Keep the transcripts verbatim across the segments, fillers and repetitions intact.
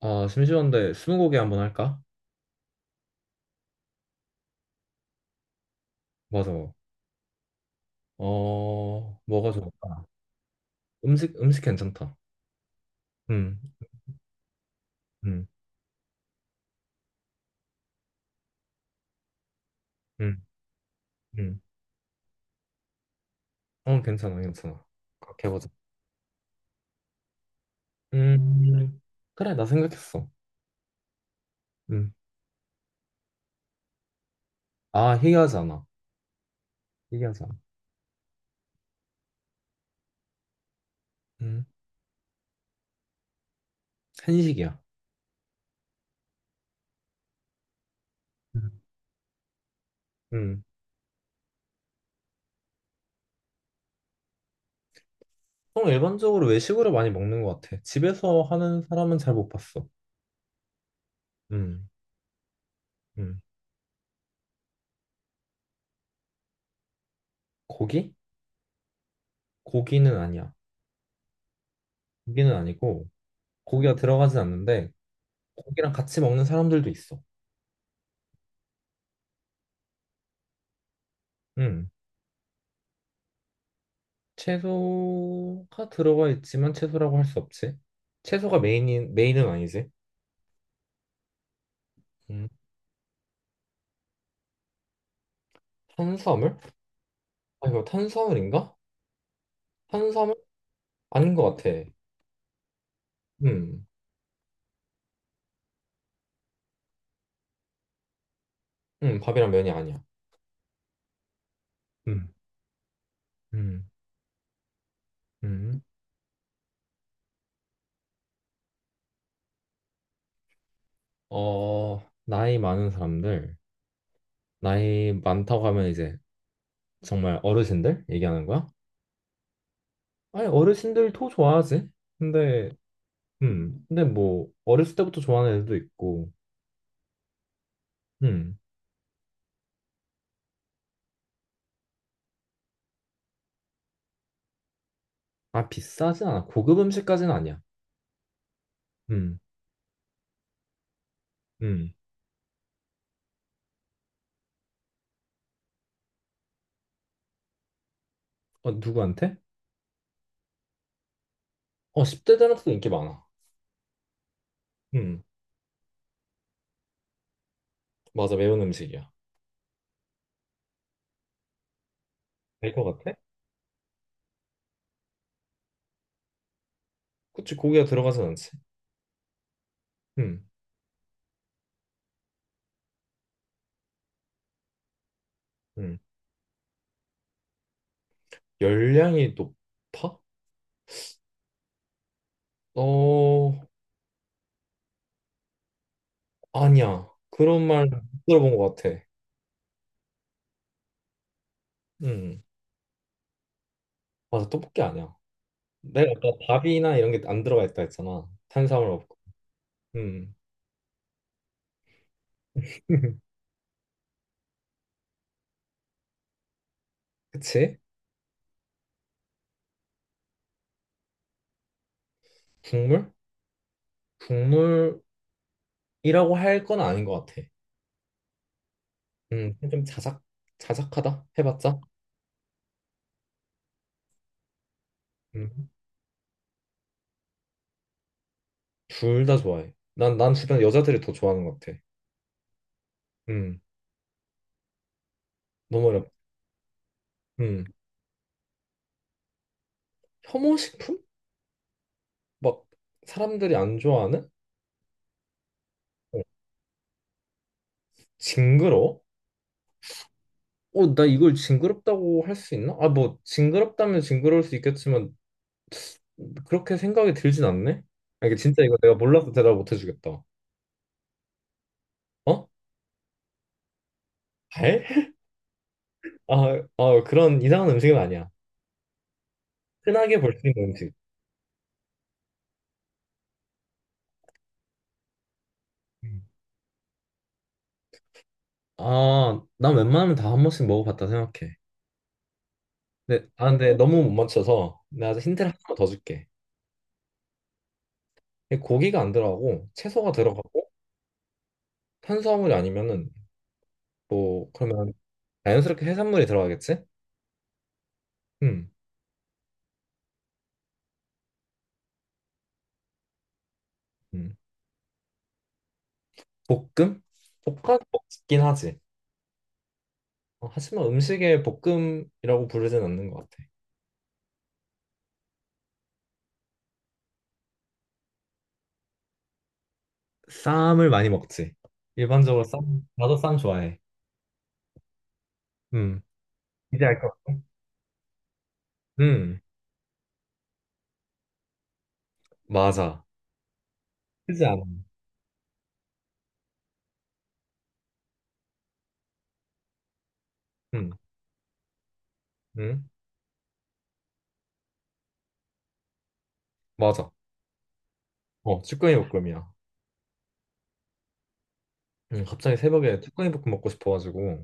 아, 심심한데 스무고개 한번 할까? 맞아. 어, 뭐가 좋을까? 음식, 음식 괜찮다. 음, 음, 음, 음. 어, 괜찮아, 괜찮아. 그렇게 해보자. 음, 그래, 나 생각했어. 음. 아, 희귀하지 않아. 희귀하지 않아. 음, 한식이야. 음. 음. 보통 일반적으로 외식으로 많이 먹는 것 같아. 집에서 하는 사람은 잘 못 봤어. 음, 음. 고기? 고기는 아니야. 고기는 아니고, 고기가 들어가진 않는데, 고기랑 같이 먹는 사람들도 있어. 음, 채소가 들어가 있지만 채소라고 할 수 없지. 채소가 메인인 메인은 아니지. 음, 탄수화물? 아 이거 탄수화물인가? 탄수화물? 아닌 것 같아. 음, 음, 밥이랑 면이 아니야. 음, 음, 음. 어, 나이 많은 사람들, 나이 많다고 하면 이제 정말 어르신들 얘기하는 거야? 아니 어르신들도 좋아하지. 근데, 음, 근데 뭐 어렸을 때부터 좋아하는 애들도 있고, 음, 아 비싸진 않아. 고급 음식까지는 아니야. 음, 음. 어, 누구한테? 어, 십 대 들한테도 인기 많아. 음, 맞아, 매운 음식이야. 될 것 같아? 그치, 고기가 들어가진 않지. 음, 음. 열량이 높아? 어, 아니야. 그런 말 들어본 것 같아. 음, 맞아, 떡볶이 아니야. 내가 아까 밥이나 이런 게 안 들어가 있다 했잖아. 탄수화물 없고. 음, 그치? 국물? 국물이라고 할 건 아닌 것 같아. 음, 좀 자작, 자작하다? 해봤자? 둘 다 좋아해. 난, 난 주변 여자들이 더 좋아하는 것 같아. 음, 너무 어렵. 음, 혐오식품? 막 사람들이 안 좋아하는? 어, 징그러워? 어, 나 이걸 징그럽다고 할 수 있나? 아, 뭐 징그럽다면 징그러울 수 있겠지만 그렇게 생각이 들진 않네. 아, 이게 진짜 이거 내가 몰라서 대답 못 해주겠다. 어? 발? 아, 아, 그런 이상한 음식은 아니야. 흔하게 볼 수 있는 음식. 음. 아, 난 웬만하면 다 한 번씩 먹어봤다 생각해. 근데, 아, 근데 너무 못 맞춰서 내가 힌트를 하나 더 줄게. 근데 고기가 안 들어가고 채소가 들어가고 탄수화물이 아니면은 뭐 그러면 자연스럽게 해산물이 들어가겠지? 음, 음. 볶음? 볶아 먹긴 하지. 어, 하지만 음식에 볶음이라고 부르진 않는 것 같아. 쌈을 많이 먹지. 일반적으로 쌈, 나도 쌈 좋아해. 음. 이제 알 것 같아. 음, 맞아. 크지 않아. 음, 음, 맞아. 어, 쭈꾸미 볶음이야. 음, 갑자기 새벽에 쭈꾸미 볶음 먹고 싶어가지고.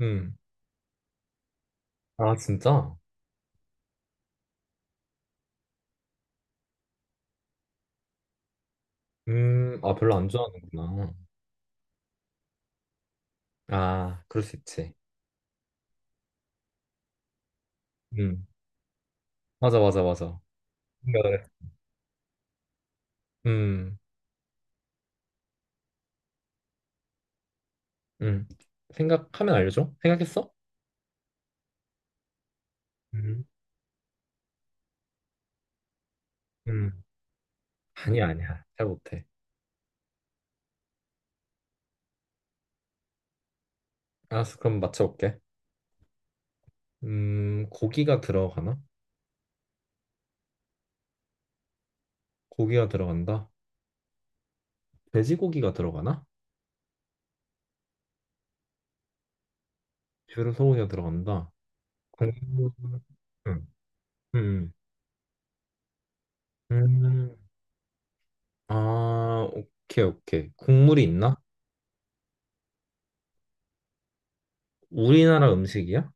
음. 아, 진짜? 음, 아, 별로 안 좋아하는구나. 아, 그럴 수 있지. 음, 맞아, 맞아, 맞아. 생각을 해. 음, 음. 생각하면 알려줘? 생각했어? 음, 음. 아니야, 아니야. 잘 못해. 알았어, 그럼 맞춰볼게. 음, 고기가 들어가나? 고기가 들어간다. 돼지고기가 들어가나? 주로 소고기가 들어간다. 국물, 음, 음, 음. 아, 오케이, 오케이. 국물이 있나? 우리나라 음식이야?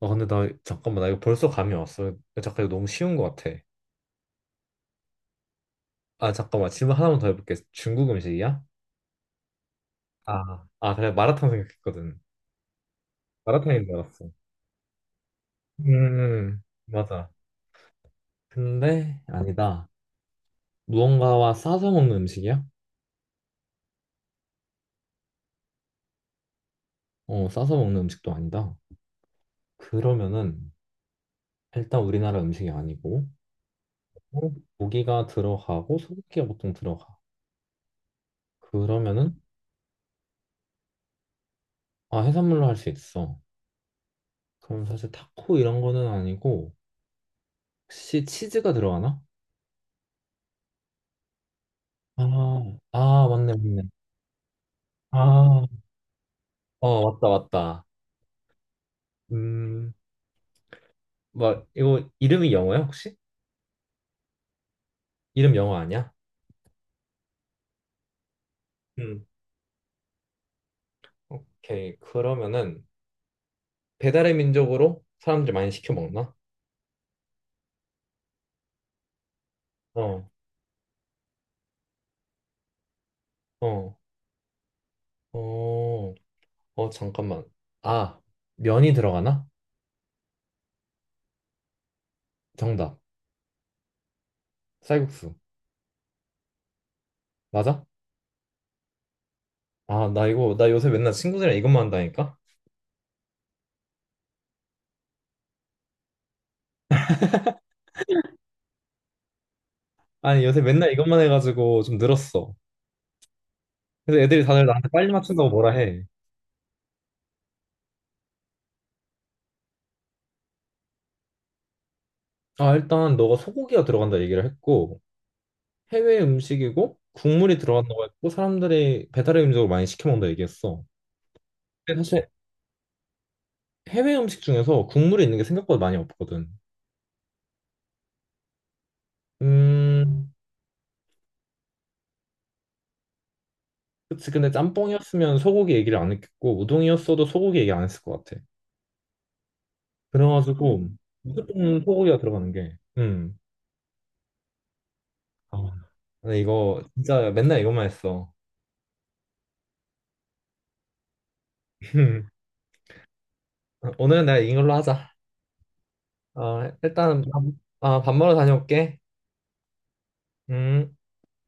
아, 근데 나, 잠깐만, 나 이거 벌써 감이 왔어. 잠깐, 이거 너무 쉬운 것 같아. 아, 잠깐만. 질문 하나만 더 해볼게. 중국 음식이야? 아, 아, 그래. 마라탕 생각했거든. 마라탕인 줄 알았어. 음, 맞아. 근데 아니다. 무언가와 싸서 먹는 음식이야? 어, 싸서 먹는 음식도 아니다. 그러면은 일단 우리나라 음식이 아니고 어? 고기가 들어가고 소고기가 보통 들어가. 그러면은 아, 해산물로 할 수 있어. 그럼 사실 타코 이런 거는 아니고 혹시 치즈가 들어가나? 아, 아, 맞네, 맞네. 아, 어, 맞다, 맞다. 음, 뭐 이거 이름이 영어야 혹시? 이름 영어 아니야? 음. 오케이 그러면은 배달의 민족으로 사람들 많이 시켜 먹나? 어, 어, 어, 어 잠깐만. 아 면이 들어가나? 정답. 쌀국수 맞아? 아 나 이거 나 요새 맨날 친구들이랑 이것만 한다니까? 아니 요새 맨날 이것만 해가지고 좀 늘었어. 그래서 애들이 다들 나한테 빨리 맞춘다고 뭐라 해. 아 일단 너가 소고기가 들어간다 얘기를 했고 해외 음식이고 국물이 들어간다고 했고 사람들이 배달의 음식으로 많이 시켜 먹는다 얘기했어. 근데 사실 해외 음식 중에서 국물이 있는 게 생각보다 많이 없거든. 음, 그치. 근데 짬뽕이었으면 소고기 얘기를 안 했겠고 우동이었어도 소고기 얘기 안 했을 것 같아. 그래가지고 무조건 소고기가 들어가는 게. 음. 아, 근데 이거 진짜 맨날 이것만 했어. 오늘은 내가 이걸로 하자. 아, 일단 밥, 아, 밥 먹으러 다녀올게. 음.